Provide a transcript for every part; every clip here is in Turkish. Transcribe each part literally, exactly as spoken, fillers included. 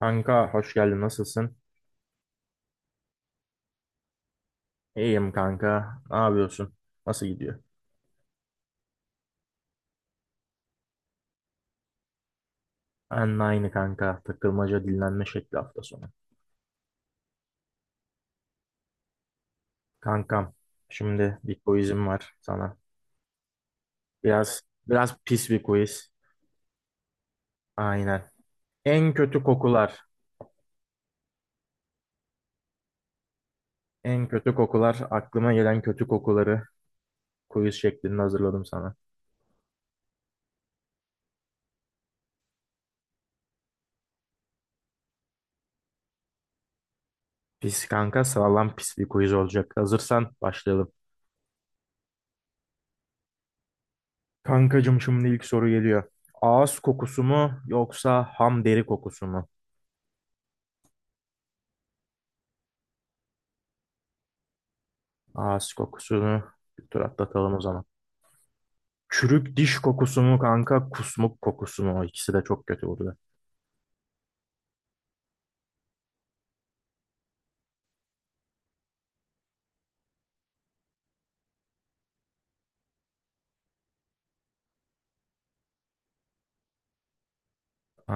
Kanka hoş geldin nasılsın? İyiyim kanka. Ne yapıyorsun? Nasıl gidiyor? Ben de aynı kanka. Takılmaca dinlenme şekli hafta sonu. Kankam şimdi bir quizim var sana. Biraz biraz pis bir quiz. Aynen. En kötü kokular. En kötü kokular. Aklıma gelen kötü kokuları quiz şeklinde hazırladım sana. Pis kanka sağlam pis bir quiz olacak. Hazırsan başlayalım. Kankacım şimdi ilk soru geliyor. Ağız kokusu mu yoksa ham deri kokusu mu? Ağız kokusunu bir tur atlatalım o zaman. Çürük diş kokusu mu kanka, kusmuk kokusu mu? O İkisi de çok kötü burada.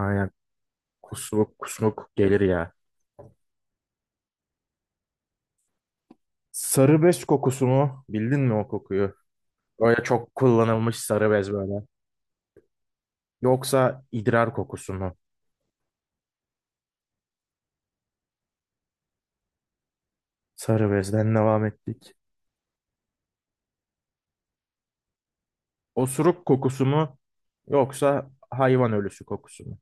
Aynen. Kusmuk kusmuk gelir ya. Sarı bez kokusu mu? Bildin mi o kokuyu? Böyle çok kullanılmış sarı bez böyle. Yoksa idrar kokusu mu? Sarı bezden devam ettik. Osuruk kokusu mu? Yoksa hayvan ölüsü kokusu mu?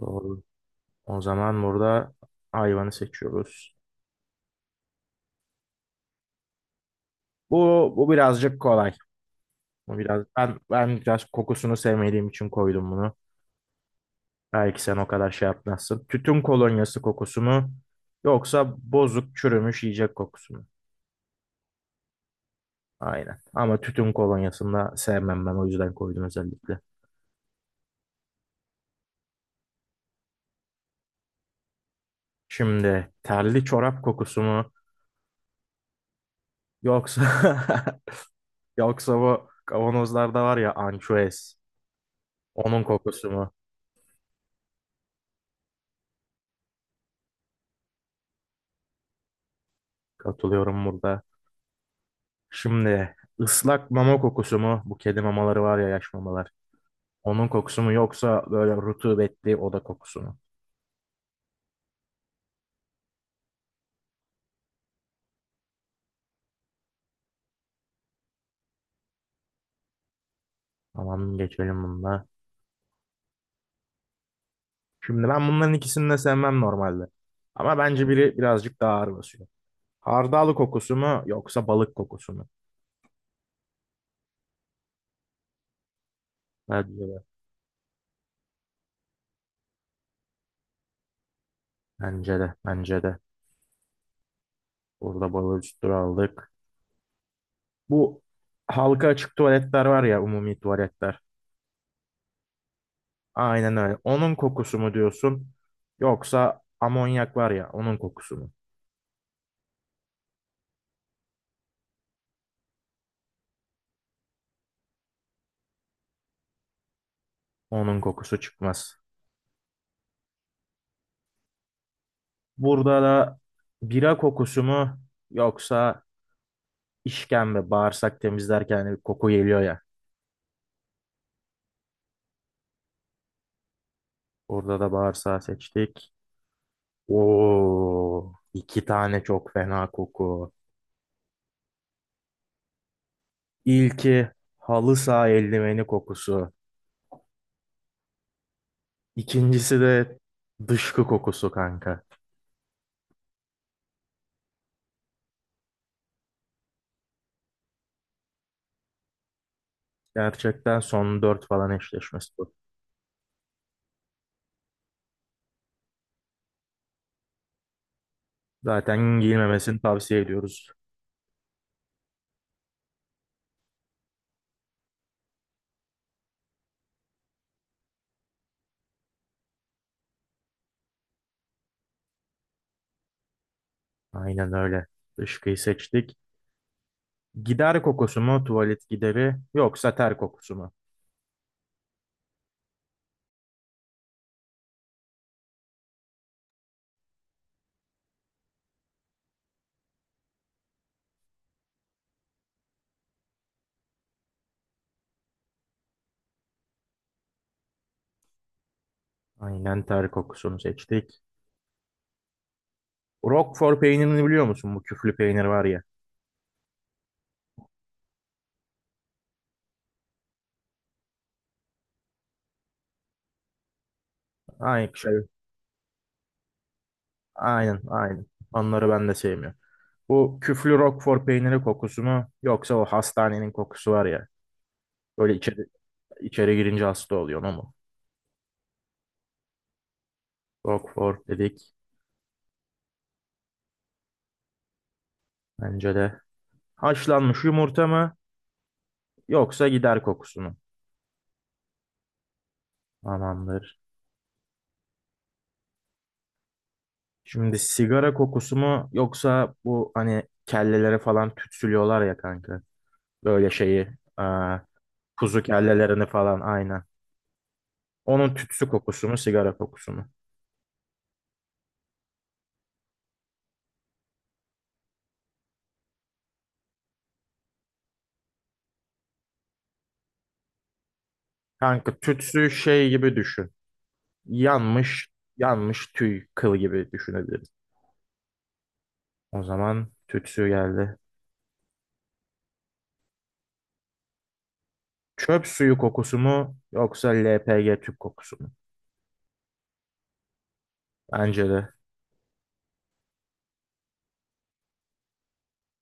Doğru. O zaman burada hayvanı seçiyoruz. Bu, bu birazcık kolay. Bu biraz ben ben biraz kokusunu sevmediğim için koydum bunu. Belki sen o kadar şey yapmazsın. Tütün kolonyası kokusu mu yoksa bozuk çürümüş yiyecek kokusu mu? Aynen. Ama tütün kolonyasını da sevmem ben o yüzden koydum özellikle. Şimdi terli çorap kokusu mu yoksa yoksa bu kavanozlarda var ya ançuez onun kokusu mu? Katılıyorum burada. Şimdi ıslak mama kokusu mu? Bu kedi mamaları var ya yaş mamalar. Onun kokusu mu yoksa böyle rutubetli oda kokusu mu? Tamam geçelim bununla. Şimdi ben bunların ikisini de sevmem normalde. Ama bence biri birazcık daha ağır basıyor. Hardal kokusu mu yoksa balık kokusu mu? Bence de. Bence de. Bence de. Burada balığı üstüne aldık. Bu halka açık tuvaletler var ya umumi tuvaletler. Aynen öyle. Onun kokusu mu diyorsun? Yoksa amonyak var ya onun kokusu mu? Onun kokusu çıkmaz. Burada da bira kokusu mu yoksa işkembe bağırsak temizlerken bir koku geliyor ya. Burada da bağırsağı seçtik. Oo, iki tane çok fena koku. İlki halı saha eldiveni kokusu. İkincisi de dışkı kokusu kanka. Gerçekten son dört falan eşleşmesi bu. Zaten giyilmemesini tavsiye ediyoruz. Aynen öyle. Dışkıyı seçtik. Gider kokusu mu tuvalet gideri yoksa ter kokusu mu? Aynen ter kokusunu seçtik. Roquefort peynirini biliyor musun? Bu küflü peynir var ya. Aynı şey. Aynen aynen. Onları ben de sevmiyorum. Bu küflü Roquefort peyniri kokusu mu? Yoksa o hastanenin kokusu var ya. Böyle içeri, içeri girince hasta oluyor mu? Roquefort dedik. Bence de. Haşlanmış yumurta mı? Yoksa gider kokusu mu? Tamamdır. Şimdi sigara kokusu mu? Yoksa bu hani kellelere falan tütsülüyorlar ya kanka. Böyle şeyi e, kuzu kellelerini falan aynen. Onun tütsü kokusunu, sigara kokusunu. Kanka tütsü şey gibi düşün. Yanmış, yanmış tüy kıl gibi düşünebiliriz. O zaman tütsü geldi. Çöp suyu kokusu mu yoksa L P G tüp kokusu mu? Bence de.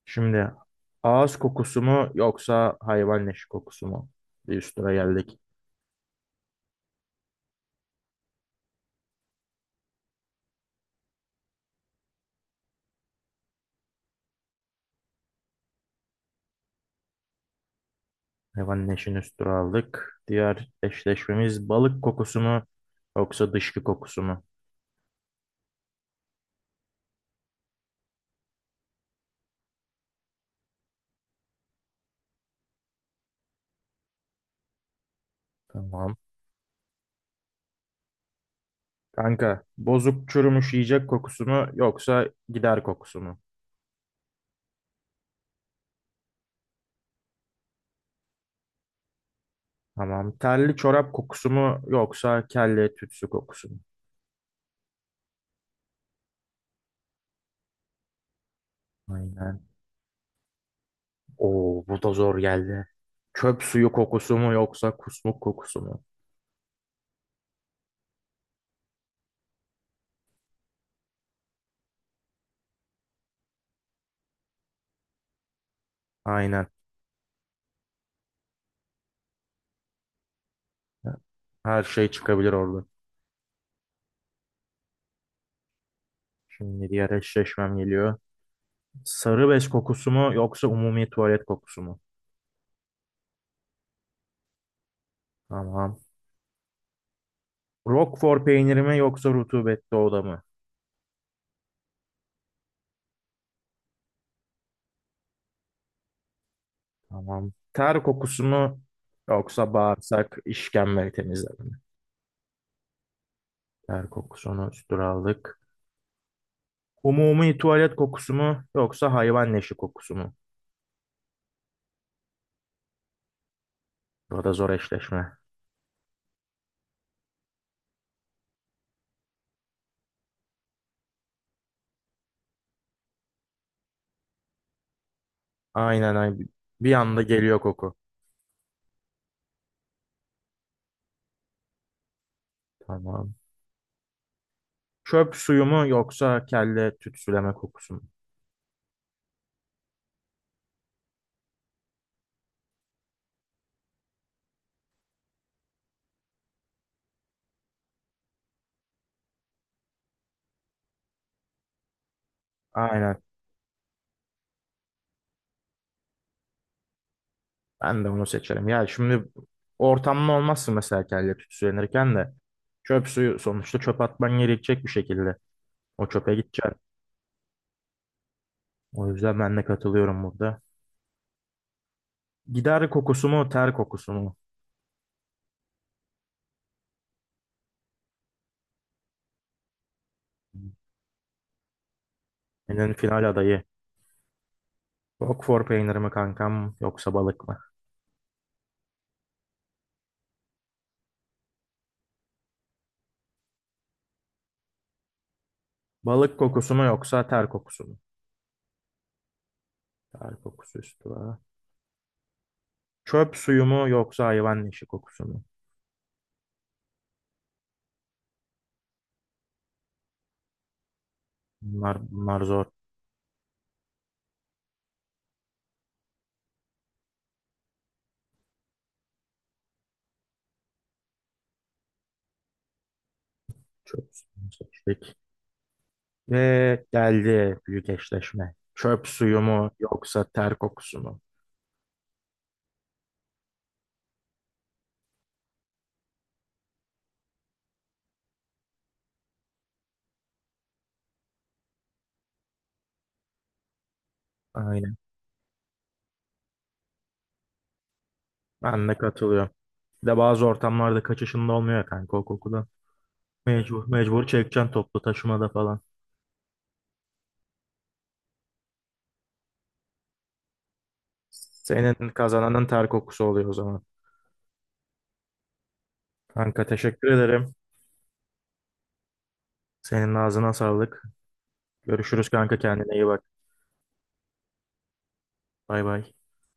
Şimdi ağız kokusu mu yoksa hayvan leşi kokusu mu? Bir üst tura geldik. Hayvan leşini üst tura aldık. Diğer eşleşmemiz balık kokusu mu yoksa dışkı kokusu mu? Tamam. Kanka bozuk çürümüş yiyecek kokusu mu yoksa gider kokusu mu? Tamam. Terli çorap kokusu mu yoksa kelle tütsü kokusu mu? Aynen. Oo bu da zor geldi. Çöp suyu kokusu mu yoksa kusmuk kokusu mu? Aynen. Her şey çıkabilir orada. Şimdi diğer eşleşmem geliyor. Sarı bez kokusu mu yoksa umumi tuvalet kokusu mu? Tamam. Roquefort peyniri mi yoksa rutubetli oda mı? Tamam. Ter kokusu mu yoksa bağırsak işkembe temizleme mi? Ter kokusunu üstüne aldık. Umumi tuvalet kokusu mu yoksa hayvan leşi kokusu mu? Burada zor eşleşme. Aynen aynen. Bir anda geliyor koku. Tamam. Çöp suyu mu yoksa kelle tütsüleme kokusu mu? Aynen. Ben de onu seçerim. Ya şimdi ortamda olmazsın mesela kelle tütsülenirken de. Çöp suyu sonuçta çöp atman gerekecek bir şekilde. O çöpe gideceksin. O yüzden ben de katılıyorum burada. Gider kokusu mu, ter kokusu mu? Senin final adayı. Roquefort peyniri mi kankam yoksa balık mı? Balık kokusu mu yoksa ter kokusu mu? Ter kokusu üstü var. Çöp suyu mu yoksa hayvan leşi kokusu mu? Bunlar, bunlar zor. Çöp suyunu seçtik. Ve geldi büyük eşleşme. Çöp suyu mu yoksa ter kokusu mu? Aynen. Ben de katılıyorum. Bir de bazı ortamlarda kaçışında olmuyor ya kanka o kokudan. Mecbur, mecbur çekeceksin toplu taşımada falan. Senin kazananın ter kokusu oluyor o zaman. Kanka teşekkür ederim. Senin ağzına sağlık. Görüşürüz kanka kendine iyi bak. Bay bay.